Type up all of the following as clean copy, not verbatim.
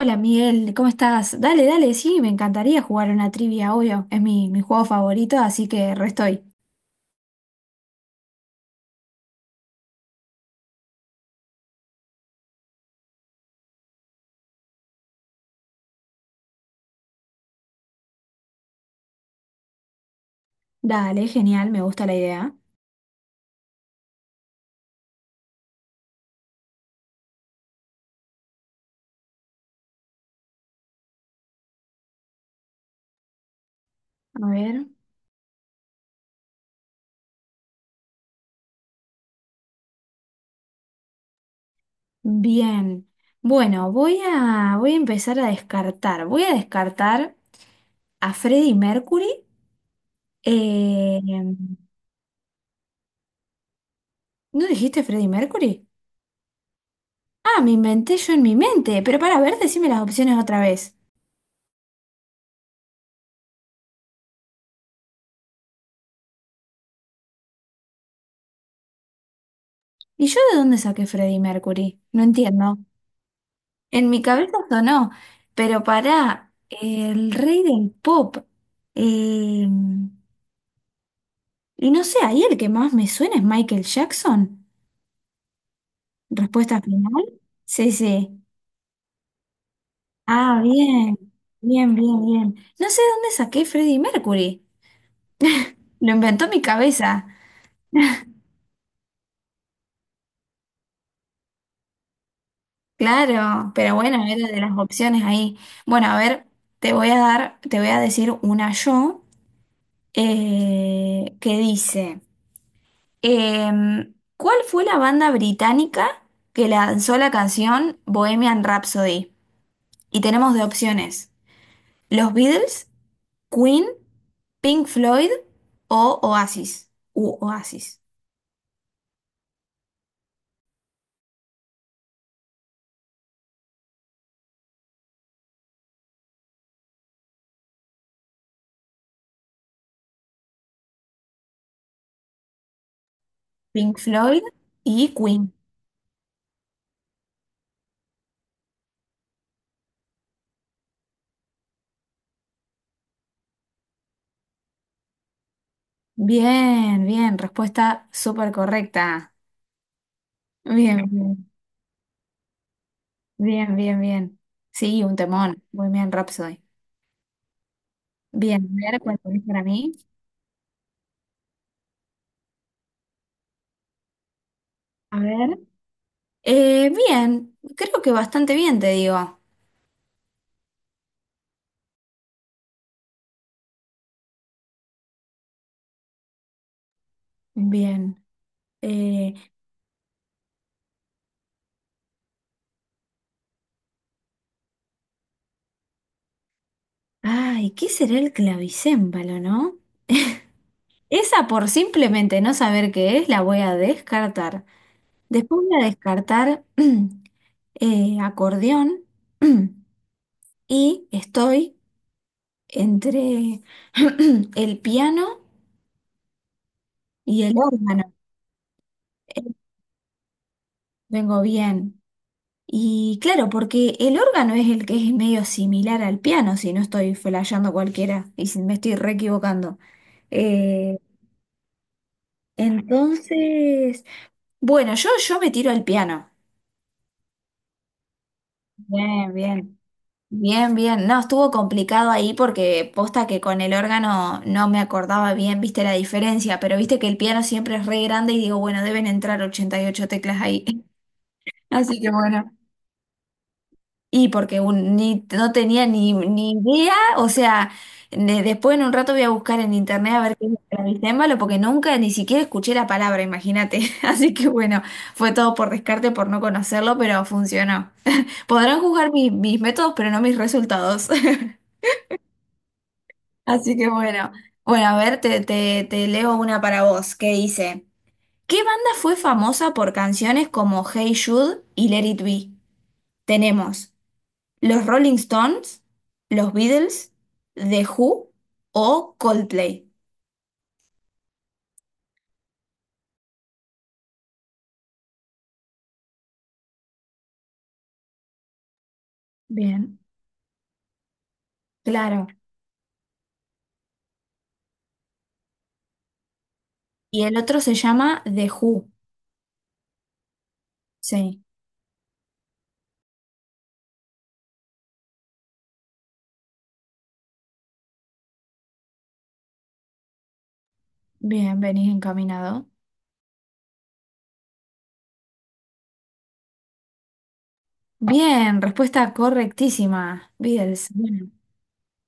Hola Miguel, ¿cómo estás? Dale, dale, sí, me encantaría jugar una trivia, obvio. Es mi juego favorito, así que re estoy. Dale, genial, me gusta la idea. A ver, bien. Bueno, voy a empezar a descartar. Voy a descartar a Freddie Mercury. Eh, ¿No dijiste Freddie Mercury? Ah, me inventé yo en mi mente, pero para ver, decime las opciones otra vez. ¿Y yo de dónde saqué Freddie Mercury? No entiendo. En mi cabeza sonó, pero para el rey del pop. eh, y no sé, ahí el que más me suena es Michael Jackson. Respuesta final. Sí, sí. Ah, bien, bien, bien, bien. No sé dónde saqué Freddie Mercury. Lo inventó mi cabeza. Claro, pero bueno, era de las opciones ahí. Bueno, a ver, te voy a decir una yo que dice. ¿Cuál fue la banda británica que lanzó la canción Bohemian Rhapsody? Y tenemos de opciones: Los Beatles, Queen, Pink Floyd o Oasis. U Oasis. Pink Floyd y Queen. Bien, bien, respuesta súper correcta. Bien, bien, bien, bien, bien. Sí, un temón. Bohemian Rhapsody. Bien, a ver, ¿cuál tenés para mí? A ver. Bien, creo que bastante bien, te digo. Bien. Eh, ¿Qué será el clavicémbalo, no? Esa por simplemente no saber qué es, la voy a descartar. Después voy a descartar acordeón y estoy entre el piano y el órgano. Vengo bien. Y claro, porque el órgano es el que es medio similar al piano, si no estoy flasheando cualquiera y si me estoy re equivocando. Eh, entonces, bueno, yo me tiro al piano. Bien, bien. Bien, bien. No, estuvo complicado ahí porque posta que con el órgano no me acordaba bien, viste la diferencia, pero viste que el piano siempre es re grande y digo, bueno, deben entrar 88 teclas ahí. Así que bueno. Y porque un- ni, no tenía ni idea, o sea, después en un rato voy a buscar en internet a ver qué es el clavicémbalo porque nunca ni siquiera escuché la palabra, imagínate. Así que bueno, fue todo por descarte, por no conocerlo, pero funcionó. Podrán juzgar mis métodos, pero no mis resultados. Así que bueno, bueno, a ver, te leo una para vos que dice, ¿qué banda fue famosa por canciones como Hey Jude y Let It Be? Tenemos los Rolling Stones, los Beatles, The Who o Coldplay. Bien, claro. Y el otro se llama The Who. Sí, bien, venís encaminado. Bien, respuesta correctísima, Beatles. Bueno.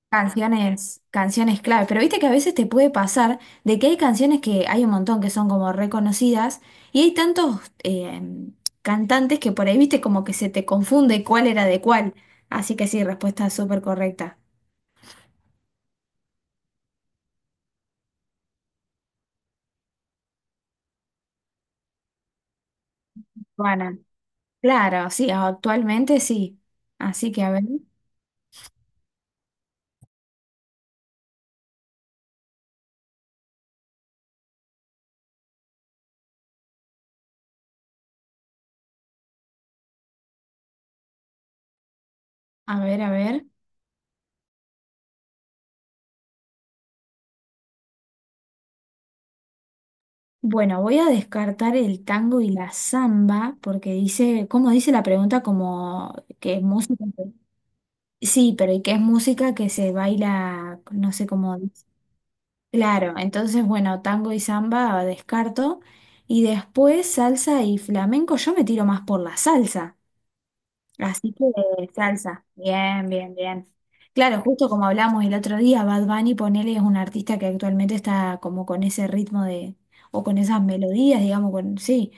Canciones, canciones clave, pero viste que a veces te puede pasar de que hay canciones que hay un montón que son como reconocidas y hay tantos cantantes que por ahí viste como que se te confunde cuál era de cuál. Así que sí, respuesta súper correcta. Juana. Claro, sí, actualmente sí. Así que a ver, a ver, a ver. Bueno, voy a descartar el tango y la samba porque dice, como dice la pregunta, como que música. Sí, pero y que es música que se baila, no sé cómo. Dice. Claro, entonces, bueno, tango y samba descarto. Y después salsa y flamenco, yo me tiro más por la salsa. Así que salsa, bien, bien, bien. Claro, justo como hablamos el otro día, Bad Bunny, ponele, es un artista que actualmente está como con ese ritmo o con esas melodías, digamos, con, sí.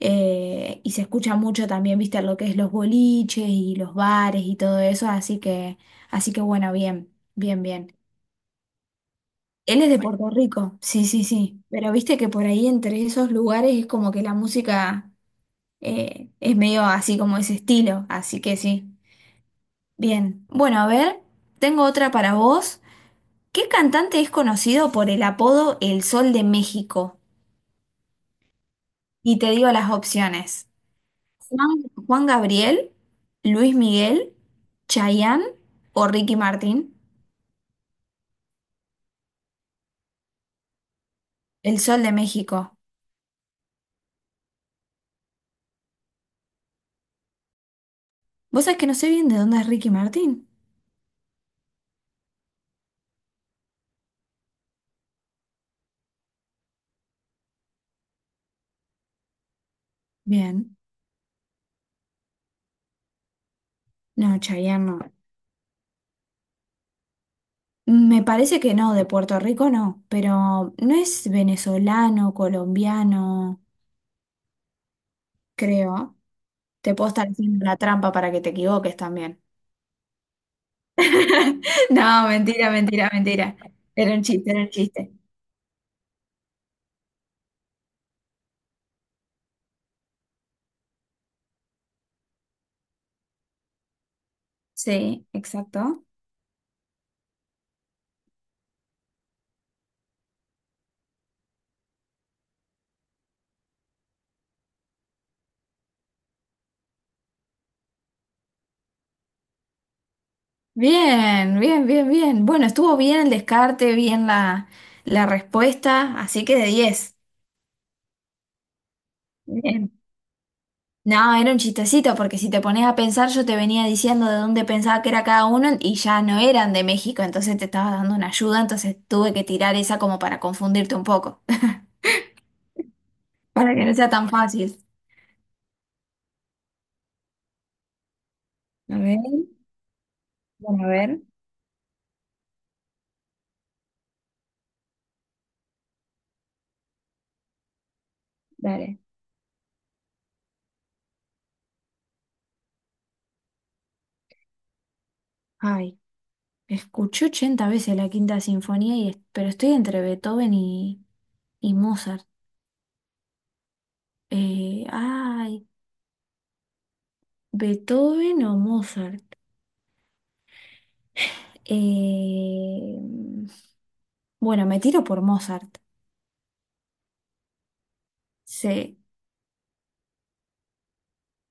Y se escucha mucho también, viste, lo que es los boliches y los bares y todo eso, así que bueno, bien, bien, bien. Él es de Puerto Rico, sí, sí, sí, pero viste que por ahí entre esos lugares es como que la música es medio así como ese estilo, así que sí. Bien, bueno, a ver, tengo otra para vos. ¿Qué cantante es conocido por el apodo El Sol de México? Y te digo las opciones. Juan, Juan Gabriel, Luis Miguel, Chayanne o Ricky Martin. El Sol de México. ¿Vos sabés que no sé bien de dónde es Ricky Martin? Bien. No, Chayanne no. Me parece que no, de Puerto Rico no, pero no es venezolano, colombiano, creo. Te puedo estar haciendo la trampa para que te equivoques también. No, mentira, mentira, mentira. Era un chiste, era un chiste. Sí, exacto. Bien, bien, bien, bien. Bueno, estuvo bien el descarte, bien la, la respuesta, así que de 10. Bien. No, era un chistecito, porque si te pones a pensar, yo te venía diciendo de dónde pensaba que era cada uno y ya no eran de México, entonces te estaba dando una ayuda, entonces tuve que tirar esa como para confundirte un poco, para que no sea tan fácil. A ver, bueno, a ver, dale. Ay. Escuché 80 veces la Quinta Sinfonía, y, pero estoy entre Beethoven y Mozart. Eh, ay, Beethoven o Mozart. Eh, bueno, me tiro por Mozart. Sí,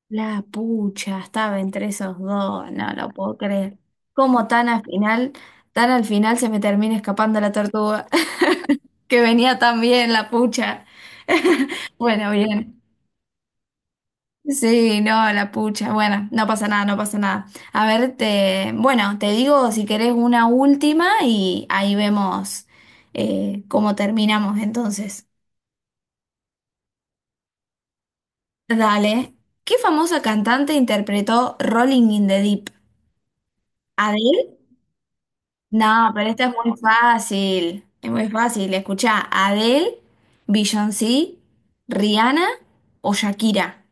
la pucha, estaba entre esos dos, no lo puedo creer. ¿Cómo tan al final se me termina escapando la tortuga? Que venía tan bien la pucha. Bueno, bien. Sí, no, la pucha. Bueno, no pasa nada, no pasa nada. A ver, te, bueno, te digo si querés una última y ahí vemos cómo terminamos entonces. Dale. ¿Qué famosa cantante interpretó Rolling in the Deep? ¿Adele? No, pero esta es muy fácil. Es muy fácil. Escuchá, ¿Adele, Beyoncé, Rihanna o Shakira?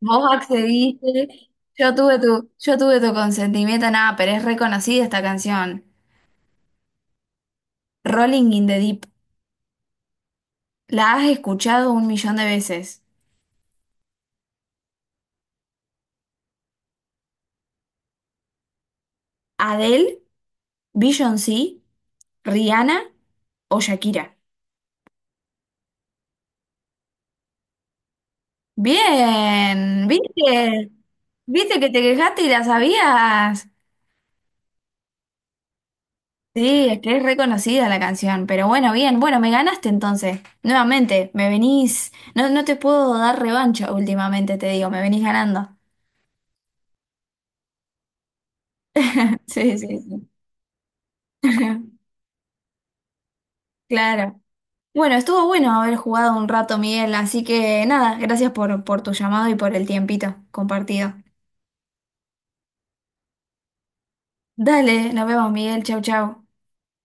Vos accediste, yo tuve tu consentimiento, nada, pero es reconocida esta canción. Rolling in the Deep. La has escuchado un millón de veces. Adele, Beyoncé, Rihanna o Shakira. Bien, ¿viste? ¿Viste que te quejaste y la sabías? Sí, es que es reconocida la canción, pero bueno, bien, bueno, me ganaste entonces. Nuevamente, me venís, no, no te puedo dar revancha últimamente, te digo, me venís ganando. Sí, sí, sí. Claro. Bueno, estuvo bueno haber jugado un rato, Miguel, así que nada, gracias por tu llamado y por el tiempito compartido. Dale, nos vemos, Miguel. Chau, chau.